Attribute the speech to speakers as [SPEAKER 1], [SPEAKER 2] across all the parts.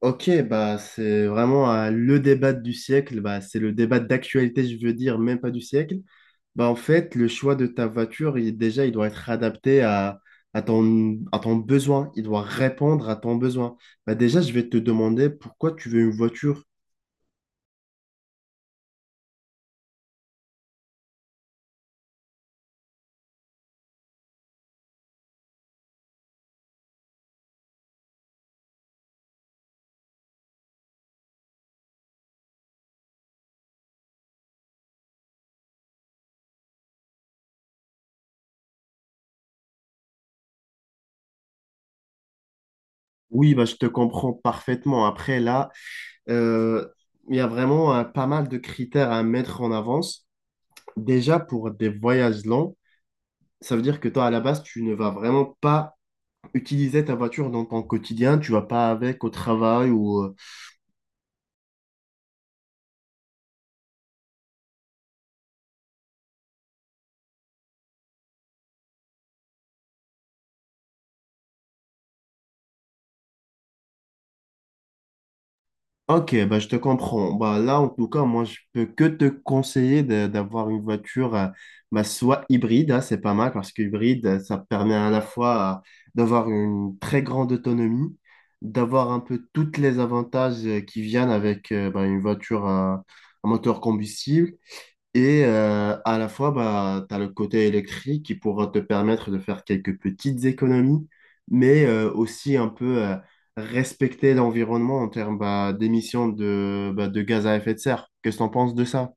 [SPEAKER 1] Ok, bah c'est vraiment le débat du siècle. Bah, c'est le débat d'actualité, je veux dire, même pas du siècle. Bah en fait, le choix de ta voiture, déjà, il doit être adapté à, à ton besoin, il doit répondre à ton besoin. Bah déjà, je vais te demander pourquoi tu veux une voiture. Oui, bah je te comprends parfaitement. Après, là, euh, il y a vraiment pas mal de critères à mettre en avance. Déjà, pour des voyages longs, ça veut dire que toi, à la base, tu ne vas vraiment pas utiliser ta voiture dans ton quotidien, tu vas pas avec au travail ou... Ok, bah, je te comprends. Bah, là, en tout cas, moi, je peux que te d'avoir une voiture bah, soit hybride, hein, c'est pas mal parce que hybride, ça permet à la fois d'avoir une très grande autonomie, d'avoir un peu tous les avantages qui viennent avec bah, une voiture à moteur combustible. Et à la fois, bah, tu as le côté électrique qui pourra te permettre de faire quelques petites économies, mais aussi un peu respecter l'environnement en termes bah, bah, de gaz à effet de serre. Qu'est-ce que tu en penses de ça?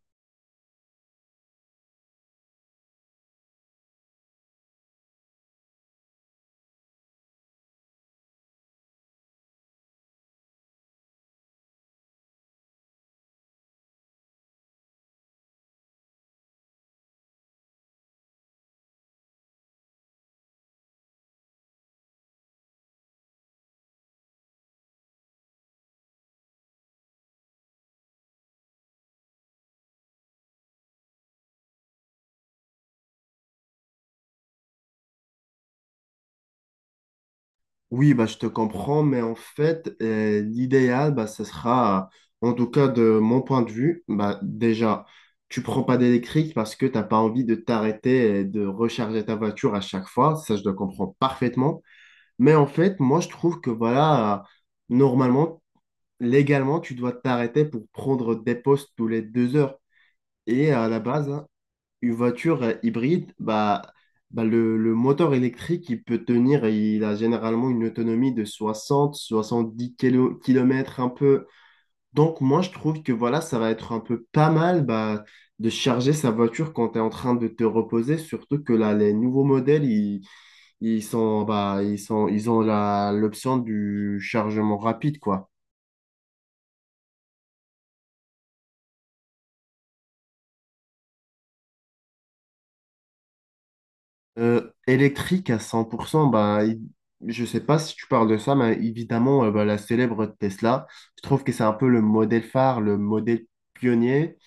[SPEAKER 1] Oui, bah, je te comprends, mais en fait, l'idéal, bah, ce sera, en tout cas de mon point de vue, bah, déjà, tu prends pas d'électrique parce que t'as pas envie de t'arrêter et de recharger ta voiture à chaque fois. Ça, je le comprends parfaitement. Mais en fait, moi, je trouve que voilà, normalement, légalement, tu dois t'arrêter pour prendre des postes tous les deux heures. Et à la base, hein, une voiture hybride, bah, le moteur électrique, il peut tenir, il a généralement une autonomie de 60, 70 kilomètres un peu. Donc, moi, je trouve que voilà, ça va être un peu pas mal bah, de charger sa voiture quand tu es en train de te reposer, surtout que là, les nouveaux modèles, ils sont, ils ont l'option du chargement rapide, quoi. Électrique à 100%, je sais pas si tu parles de ça, mais évidemment, bah, la célèbre Tesla, je trouve que c'est un peu le modèle phare, le modèle pionnier.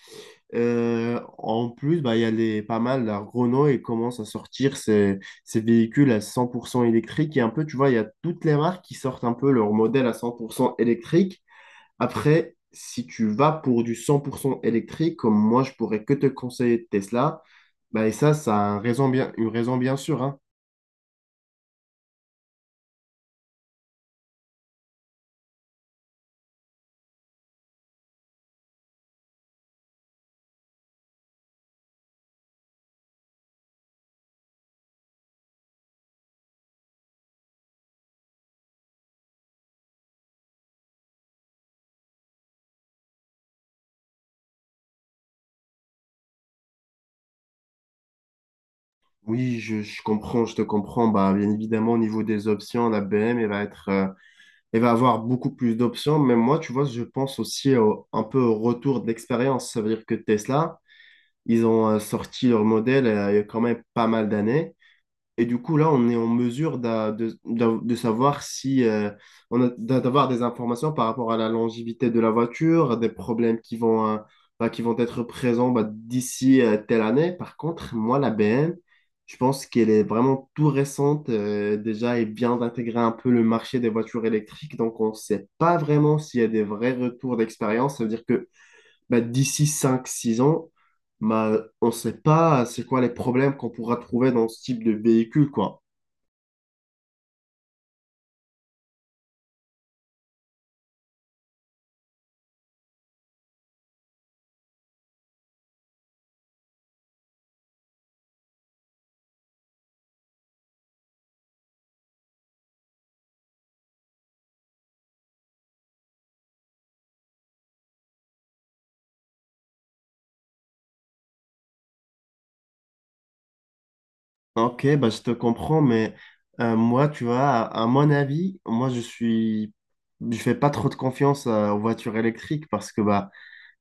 [SPEAKER 1] En plus, bah, il y a pas mal, la Renault, et commence à sortir ces véhicules à 100% électriques. Et un peu, tu vois, il y a toutes les marques qui sortent un peu leur modèle à 100% électrique. Après, si tu vas pour du 100% électrique, comme moi, je pourrais que te conseiller de Tesla, bah, et ça a un raison bien, une raison bien sûre, hein. Oui, je comprends, je te comprends. Bah, bien évidemment, au niveau des options, la BM, elle va être, elle va avoir beaucoup plus d'options. Mais moi, tu vois, je pense aussi un peu au retour de l'expérience. Ça veut dire que Tesla, ils ont sorti leur modèle il y a quand même pas mal d'années. Et du coup, là, on est en mesure de savoir si on a d'avoir des informations par rapport à la longévité de la voiture, des problèmes qui vont, bah, qui vont être présents bah, d'ici telle année. Par contre, moi, la BM, je pense qu'elle est vraiment tout récente déjà et vient d'intégrer un peu le marché des voitures électriques. Donc, on ne sait pas vraiment s'il y a des vrais retours d'expérience. Ça veut dire bah, d'ici cinq six ans, bah, on ne sait pas c'est quoi les problèmes qu'on pourra trouver dans ce type de véhicule, quoi. Ok, bah, je te comprends, mais moi, tu vois, à mon avis, moi, je suis... Je fais pas trop de confiance aux voitures électriques parce que bah,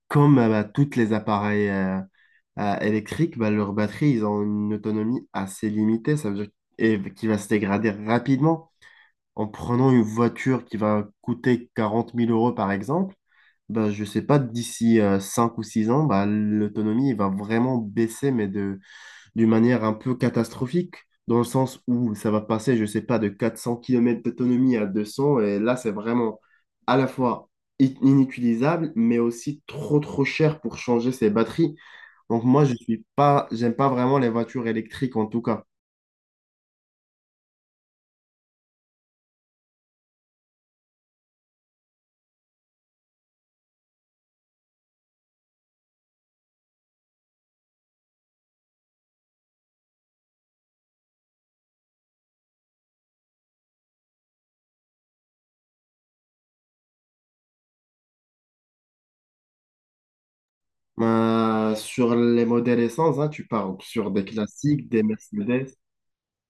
[SPEAKER 1] comme bah, toutes les appareils électriques, bah, leurs batteries, ils ont une autonomie assez limitée, ça veut dire et qui va se dégrader rapidement. En prenant une voiture qui va coûter 40 000 euros, par exemple, bah, je sais pas, d'ici 5 ou 6 ans, bah, l'autonomie va vraiment baisser, mais d'une manière un peu catastrophique, dans le sens où ça va passer, je sais pas, de 400 kilomètres d'autonomie à 200 et là, c'est vraiment à la fois inutilisable, mais aussi trop cher pour changer ses batteries. Donc moi, je suis pas, j'aime pas vraiment les voitures électriques, en tout cas. Ben, sur les modèles essence, hein, tu parles sur des classiques, des Mercedes.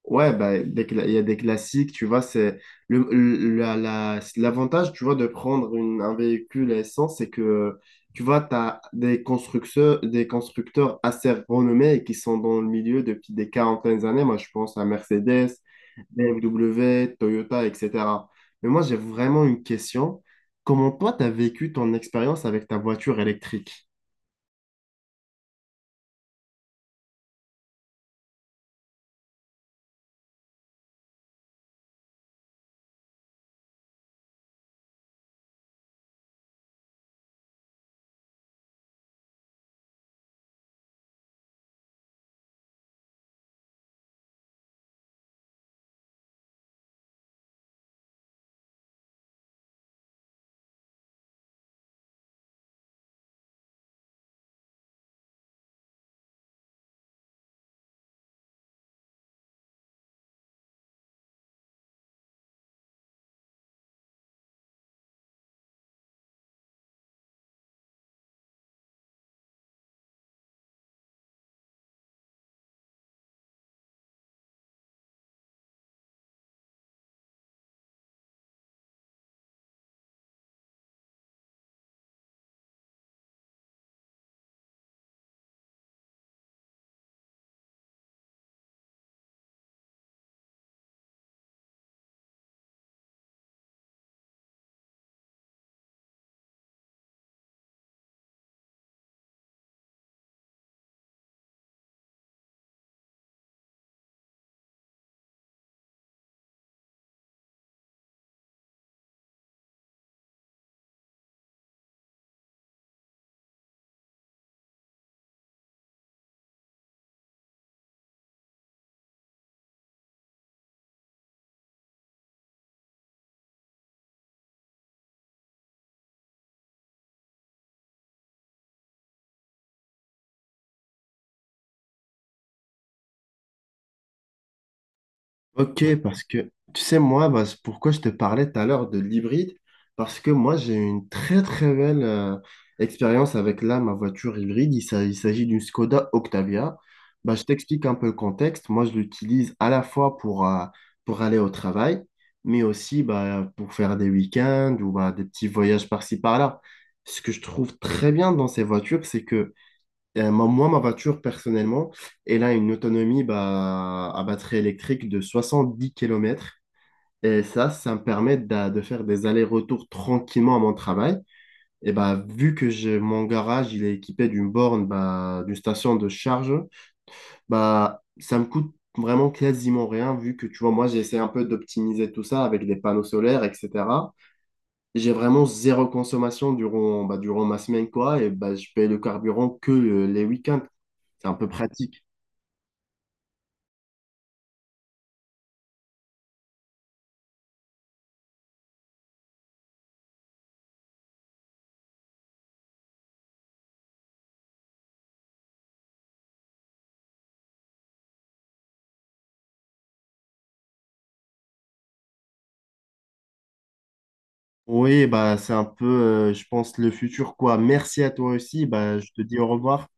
[SPEAKER 1] Ouais, ben, il y a des classiques, tu vois, c'est l'avantage, tu vois, de prendre un véhicule à essence, c'est que, tu vois, tu as des constructeurs assez renommés et qui sont dans le milieu depuis des quarantaines d'années. Moi, je pense à Mercedes, BMW, Toyota, etc. Mais moi, j'ai vraiment une question. Comment toi, tu as vécu ton expérience avec ta voiture électrique? Ok, parce que tu sais, moi, bah, c'est pourquoi je te parlais tout à l'heure de l'hybride, parce que moi, j'ai eu une très très belle expérience avec là, ma voiture hybride. Il s'agit d'une Skoda Octavia. Bah, je t'explique un peu le contexte. Moi, je l'utilise à la fois pour aller au travail, mais aussi bah, pour faire des week-ends ou bah, des petits voyages par-ci par-là. Ce que je trouve très bien dans ces voitures, c'est que moi, ma voiture, personnellement, elle a une autonomie bah, à batterie électrique de 70 kilomètres. Et ça me permet faire des allers-retours tranquillement à mon travail. Et bah, vu que mon garage, il est équipé d'une borne, bah, d'une station de charge, bah, ça me coûte vraiment quasiment rien, vu que, tu vois, moi, j'essaie un peu d'optimiser tout ça avec des panneaux solaires, etc. J'ai vraiment zéro consommation durant, bah, durant ma semaine, quoi. Et bah, je paye le carburant que les week-ends. C'est un peu pratique. Oui, bah, c'est un peu, je pense, le futur, quoi. Merci à toi aussi. Bah, je te dis au revoir.